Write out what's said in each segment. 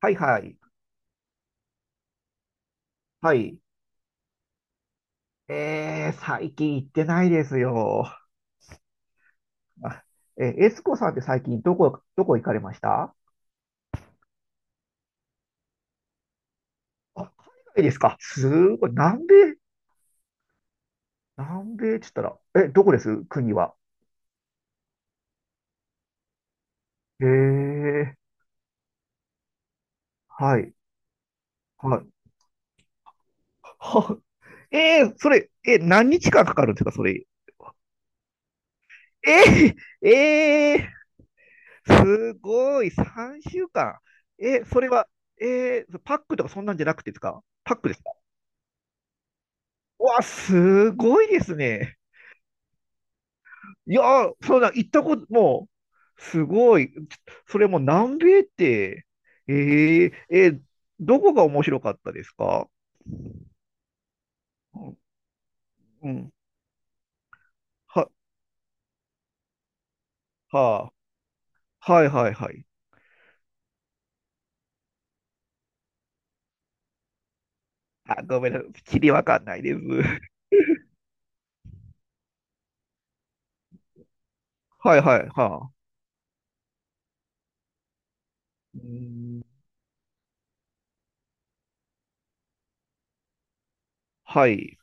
はいはい。はい。最近行ってないですよ。あエスコさんって最近どこ行かれました？あ、海外ですか。すごい。南米って言ったら、どこです国は？えー、はい。はい。は、えー、それ、何日間かかるんですか、それ？えー、えすごい。3週間。それは、パックとかそんなんじゃなくてですか？パックですか？うわ、すごいですね。いやー、そうだ、行ったこと、もう、すごい。それも南米って、えー、えーどこが面白かったですか？うん、は、はあ、はいはいはい。あ、ごめんなさい。きりわかんないです。はいはい、はあ。うん、はい。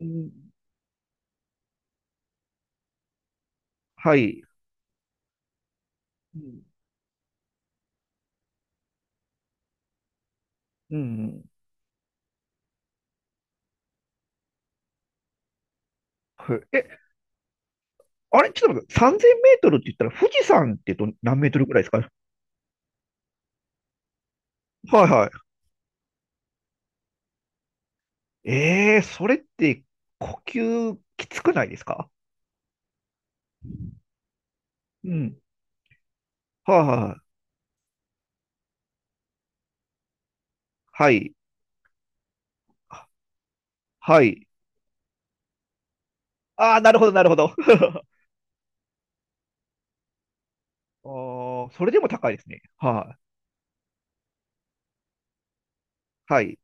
うん、はい。うん、うんはい。あれ、ちょっと待って、3000メートルって言ったら、富士山って何メートルぐらいですか？はいはい。それって呼吸きつくないですか？うん。はあ、はあ、はい。はい。ああ、なるほど、なるほど。ああ、それでも高いですね。はい、はい。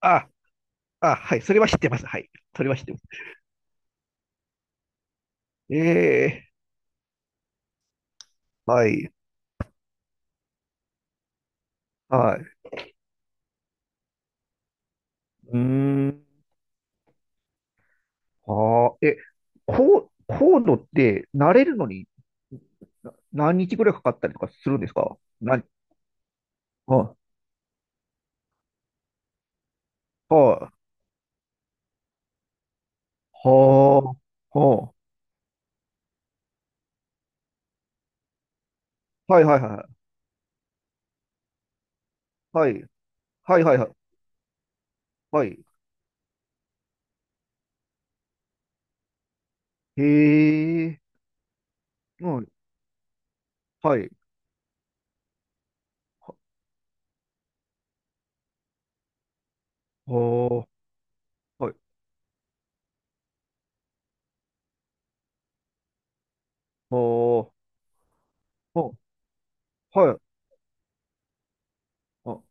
ああ、はい。それは知ってます。はい。それは知ってます。ええ、はい。はい。うーん。ああ、え、コー、コードって慣れるのに何日ぐらいかかったりとかするんですか？はい、はい、はあ、はあ、はい、はい、はい、はい、はい、はい、はい、はい。へえ、うん、はい、は、ははい。おー、お、はい。あ、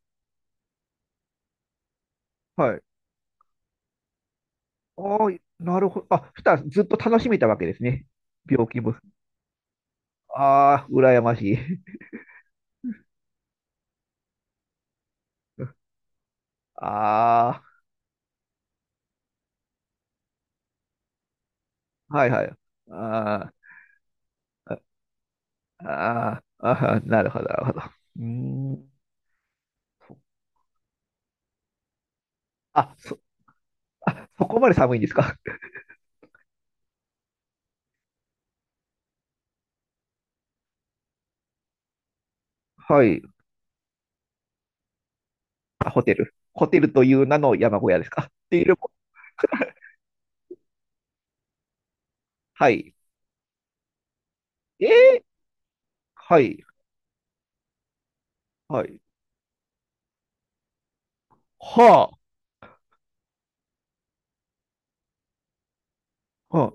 はい。あー、なるほど。あ、そしたらずっと楽しめたわけですね。病気も。ああ、羨ましい。ああ、はいはい。あーあ、あーあー、なるほど、なるほど。うーん。あ、そ、あ、そこまで寒いんですか？はい。ホテルという名の山小屋ですか？っていうよりも はい。えー、はい。はい。はいはあ。はあ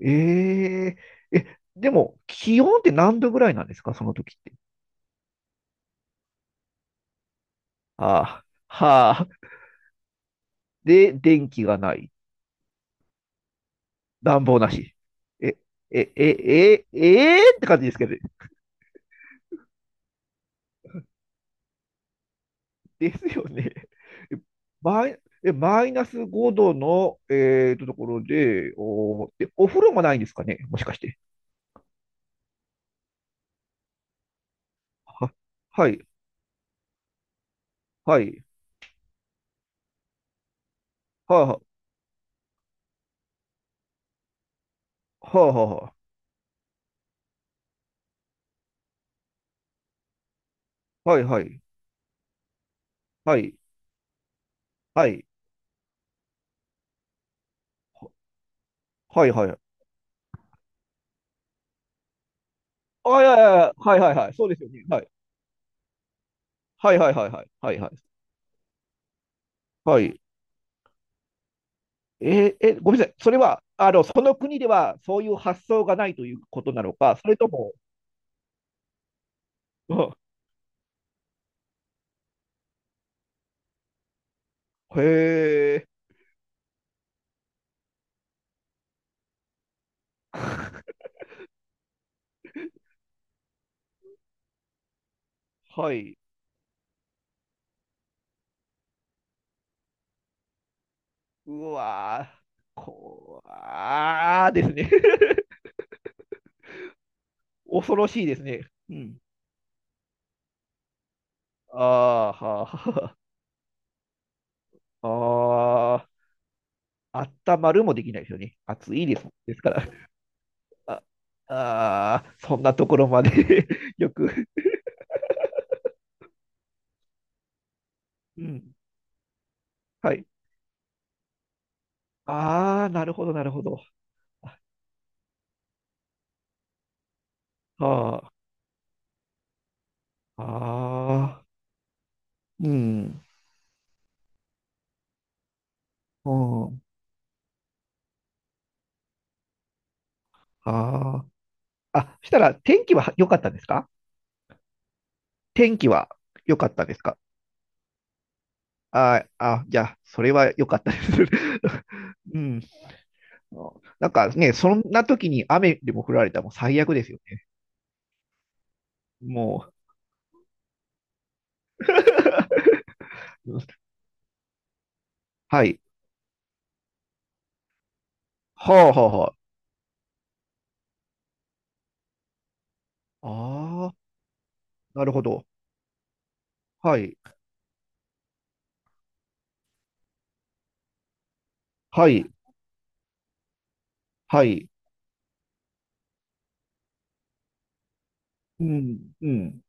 えええ、でも、気温って何度ぐらいなんですか、その時って？ああ、はあ、で、電気がない。暖房なし。え、え、え、え、ええって感じですけど、ですよね。えマイ、え、マイナス5度の、ところで、おー、で、お風呂もないんですかね、もしかして。は、はい、はい、はあ、はあ、はあ、はい、はい、はい、はい、はい、はい。あ、いやいやいや、はい、はい、はい、そうですよね。はい。はいはいはいはい。はいはい。はい。ごめんなさい。それは、その国ではそういう発想がないということなのか、それとも。うんへえ、はい。うわー、こわーですね。恐ろしいですね。うん。ああ、はあ、はあ、あったまるもできないですよね。暑いです。ですから。ああー、そんなところまで よく。うん。はい。ああ、なるほど、なるほど。ああ。ああ、うん、うん、ああ。あ、そしたら天気は良かったんですか？天気は良かったですか？あーあ、じゃあ、それは良かったです。うん。なんかね、そんな時に雨でも降られたらもう最悪ですよね。もう。はい。はあはあはあ。ああ、なるほど。はい。はい。はい。うん。うん。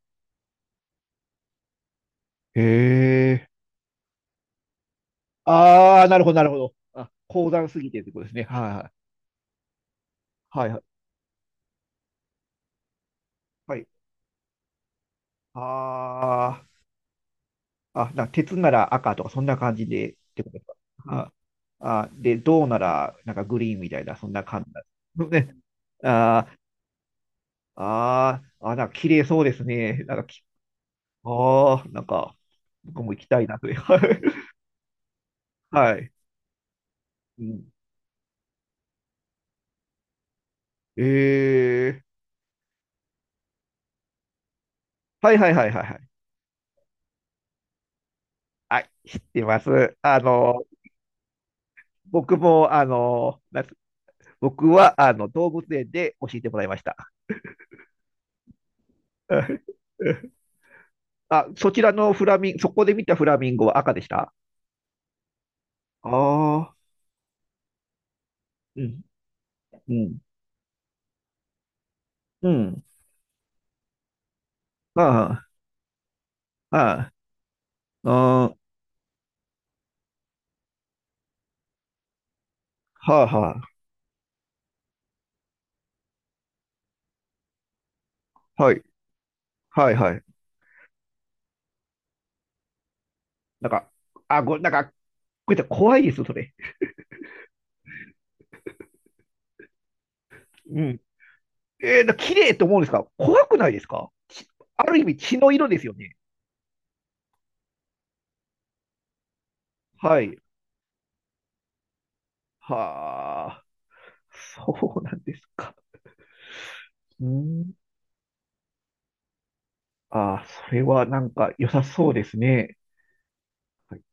へえ。ああ、なるほど、なるほど。あ、高山すぎてってことですね。はいはい。はいはい。はいああ、あ、鉄なら赤とか、そんな感じでってことですか？あ、あ、で、銅なら、なんかグリーンみたいな、そんな感じなんですね。あーあー、あ、なんか綺麗そうですね。なんかき、ああ、なんか、僕も行きたいなという。はい。うん、えー、はいはいはいはいはい。はい、知ってます。僕も、あの、なんつ僕は、動物園で教えてもらいました。あ、そこで見たフラミンゴは赤でした？ああー、うん、うん、うん。ああ、ああ、ああ、はあ、はあ、はい、はい、はい。なんか、なんか、こうやって怖いです、それ。うん。綺麗と思うんですか？怖くないですか？ある意味血の色ですよね。はい。はあ、そうなんですか。うん。ああ、それはなんか良さそうですね。はい。